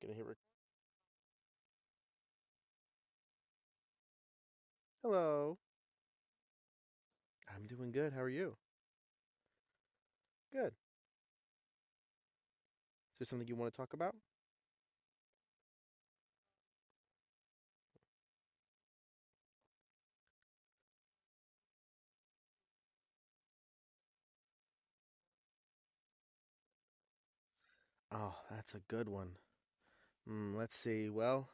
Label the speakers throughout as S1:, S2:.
S1: Gonna hit rec- Hello. I'm doing good. How are you? Good. Is there something you want to talk about? Oh, that's a good one. Mm, let's see. Well,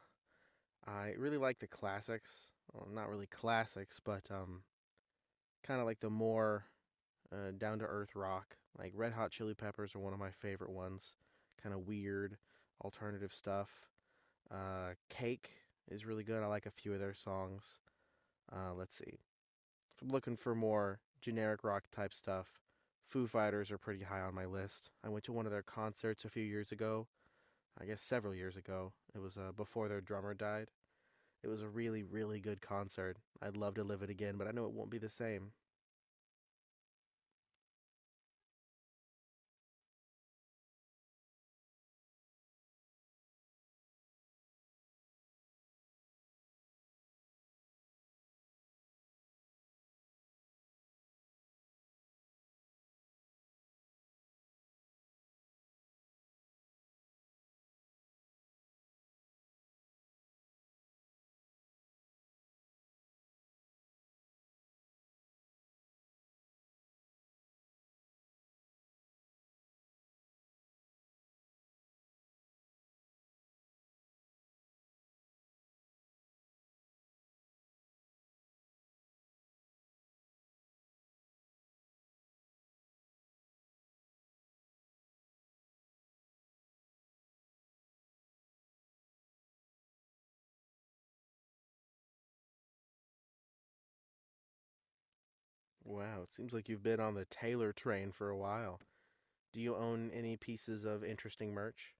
S1: I really like the classics. Well, not really classics, but kind of like the more down to earth rock. Like Red Hot Chili Peppers are one of my favorite ones. Kind of weird, alternative stuff. Cake is really good. I like a few of their songs. Let's see. If I'm looking for more generic rock type stuff, Foo Fighters are pretty high on my list. I went to one of their concerts a few years ago. I guess several years ago. It was before their drummer died. It was a really, really good concert. I'd love to live it again, but I know it won't be the same. Wow, it seems like you've been on the Taylor train for a while. Do you own any pieces of interesting merch?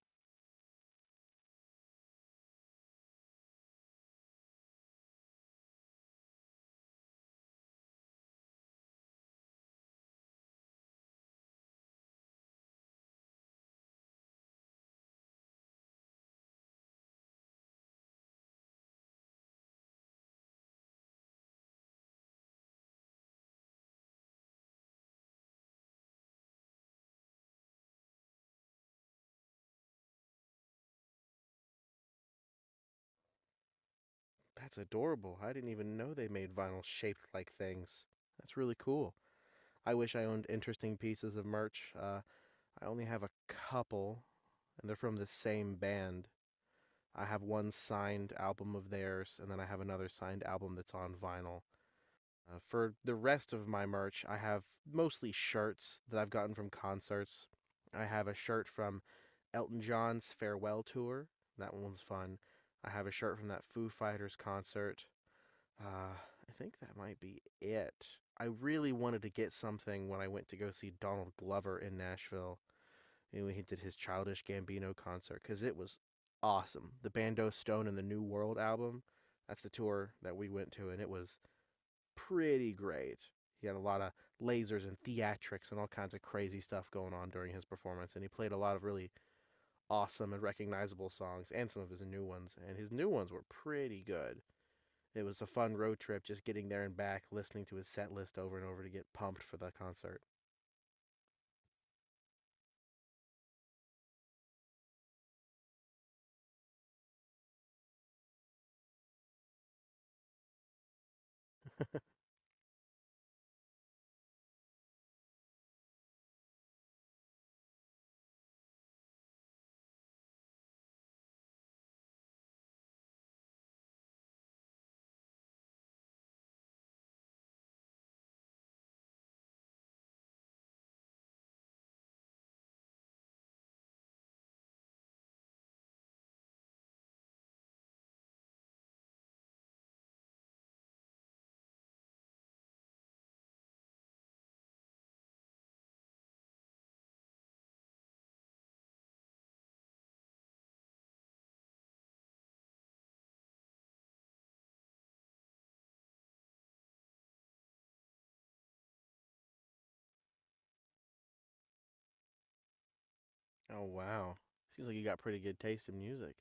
S1: That's adorable. I didn't even know they made vinyl shaped like things. That's really cool. I wish I owned interesting pieces of merch. I only have a couple, and they're from the same band. I have one signed album of theirs, and then I have another signed album that's on vinyl. For the rest of my merch, I have mostly shirts that I've gotten from concerts. I have a shirt from Elton John's farewell tour. That one was fun. I have a shirt from that Foo Fighters concert. I think that might be it. I really wanted to get something when I went to go see Donald Glover in Nashville and when he did his Childish Gambino concert because it was awesome. The Bando Stone and the New World album. That's the tour that we went to, and it was pretty great. He had a lot of lasers and theatrics and all kinds of crazy stuff going on during his performance, and he played a lot of really awesome and recognizable songs and some of his new ones, and his new ones were pretty good. It was a fun road trip just getting there and back, listening to his set list over and over to get pumped for the concert. Oh, wow. Seems like you got pretty good taste in music.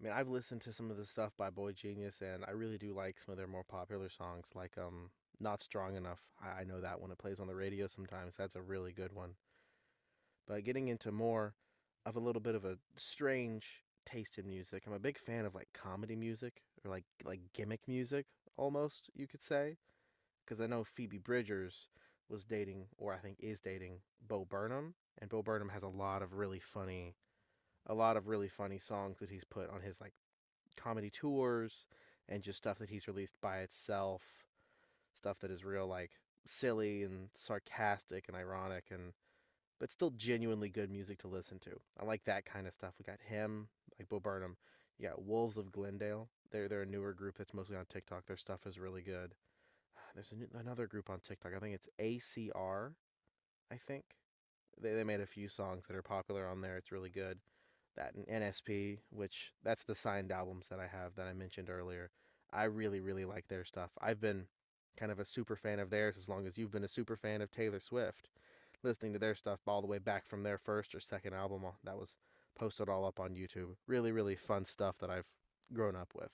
S1: I mean, I've listened to some of the stuff by Boy Genius, and I really do like some of their more popular songs, like "Not Strong Enough." I know that when it plays on the radio sometimes, that's a really good one. But getting into more of a little bit of a strange taste in music, I'm a big fan of like comedy music or like gimmick music, almost you could say, because I know Phoebe Bridgers was dating, or I think is dating, Bo Burnham, and Bo Burnham has a lot of really funny, a lot of really funny songs that he's put on his like comedy tours and just stuff that he's released by itself, stuff that is real like silly and sarcastic and ironic and but still genuinely good music to listen to. I like that kind of stuff. We got him, like Bo Burnham. You got Wolves of Glendale. They're a newer group that's mostly on TikTok. Their stuff is really good. Another group on TikTok. I think it's ACR. I think they made a few songs that are popular on there. It's really good that NSP, which that's the signed albums that I have that I mentioned earlier. I really, really like their stuff. I've been kind of a super fan of theirs as long as you've been a super fan of Taylor Swift, listening to their stuff all the way back from their first or second album that was posted all up on YouTube. Really, really fun stuff that I've grown up with.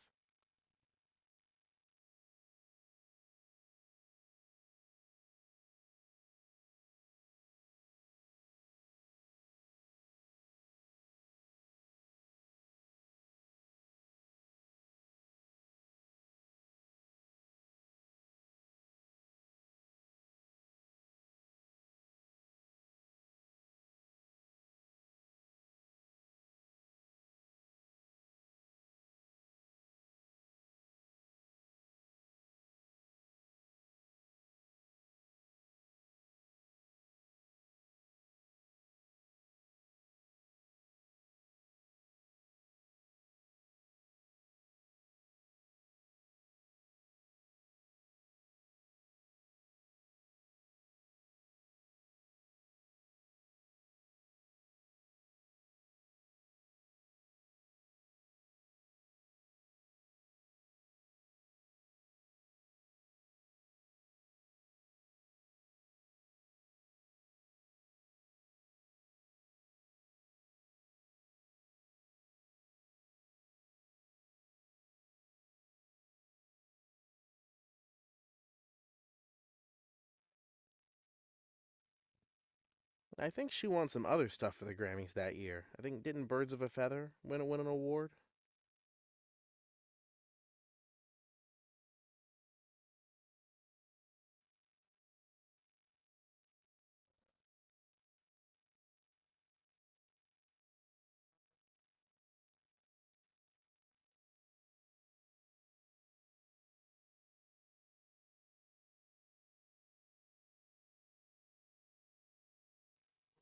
S1: I think she won some other stuff for the Grammys that year. I think didn't Birds of a Feather win an award?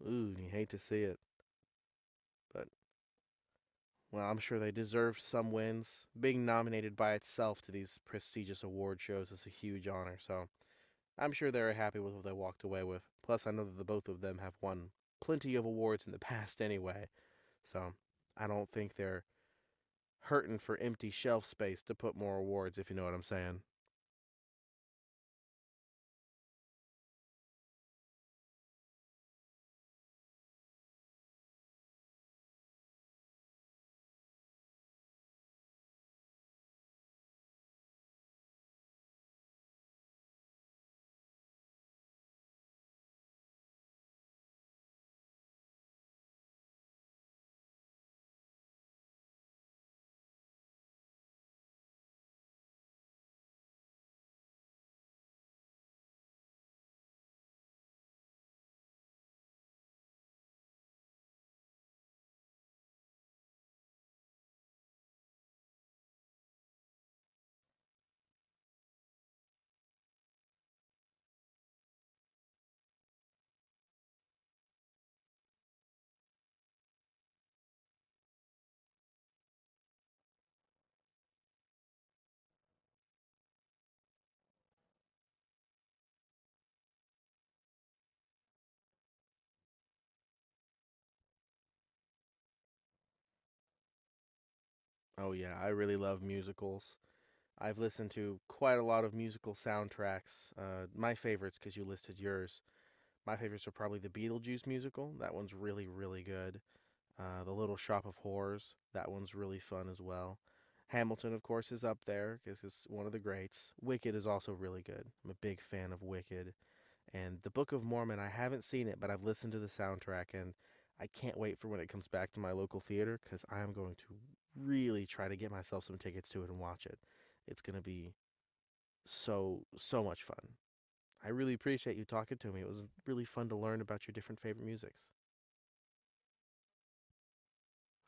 S1: Ooh, you hate to see it, but well, I'm sure they deserve some wins. Being nominated by itself to these prestigious award shows is a huge honor, so I'm sure they're happy with what they walked away with. Plus, I know that the both of them have won plenty of awards in the past anyway, so I don't think they're hurting for empty shelf space to put more awards, if you know what I'm saying. Oh, yeah, I really love musicals. I've listened to quite a lot of musical soundtracks. My favorites, because you listed yours. My favorites are probably the Beetlejuice musical. That one's really, really good. The Little Shop of Horrors. That one's really fun as well. Hamilton, of course, is up there because it's one of the greats. Wicked is also really good. I'm a big fan of Wicked. And The Book of Mormon, I haven't seen it, but I've listened to the soundtrack and I can't wait for when it comes back to my local theater because I am going to really try to get myself some tickets to it and watch it. It's going to be so, so much fun. I really appreciate you talking to me. It was really fun to learn about your different favorite musics.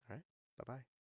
S1: All right. Bye bye.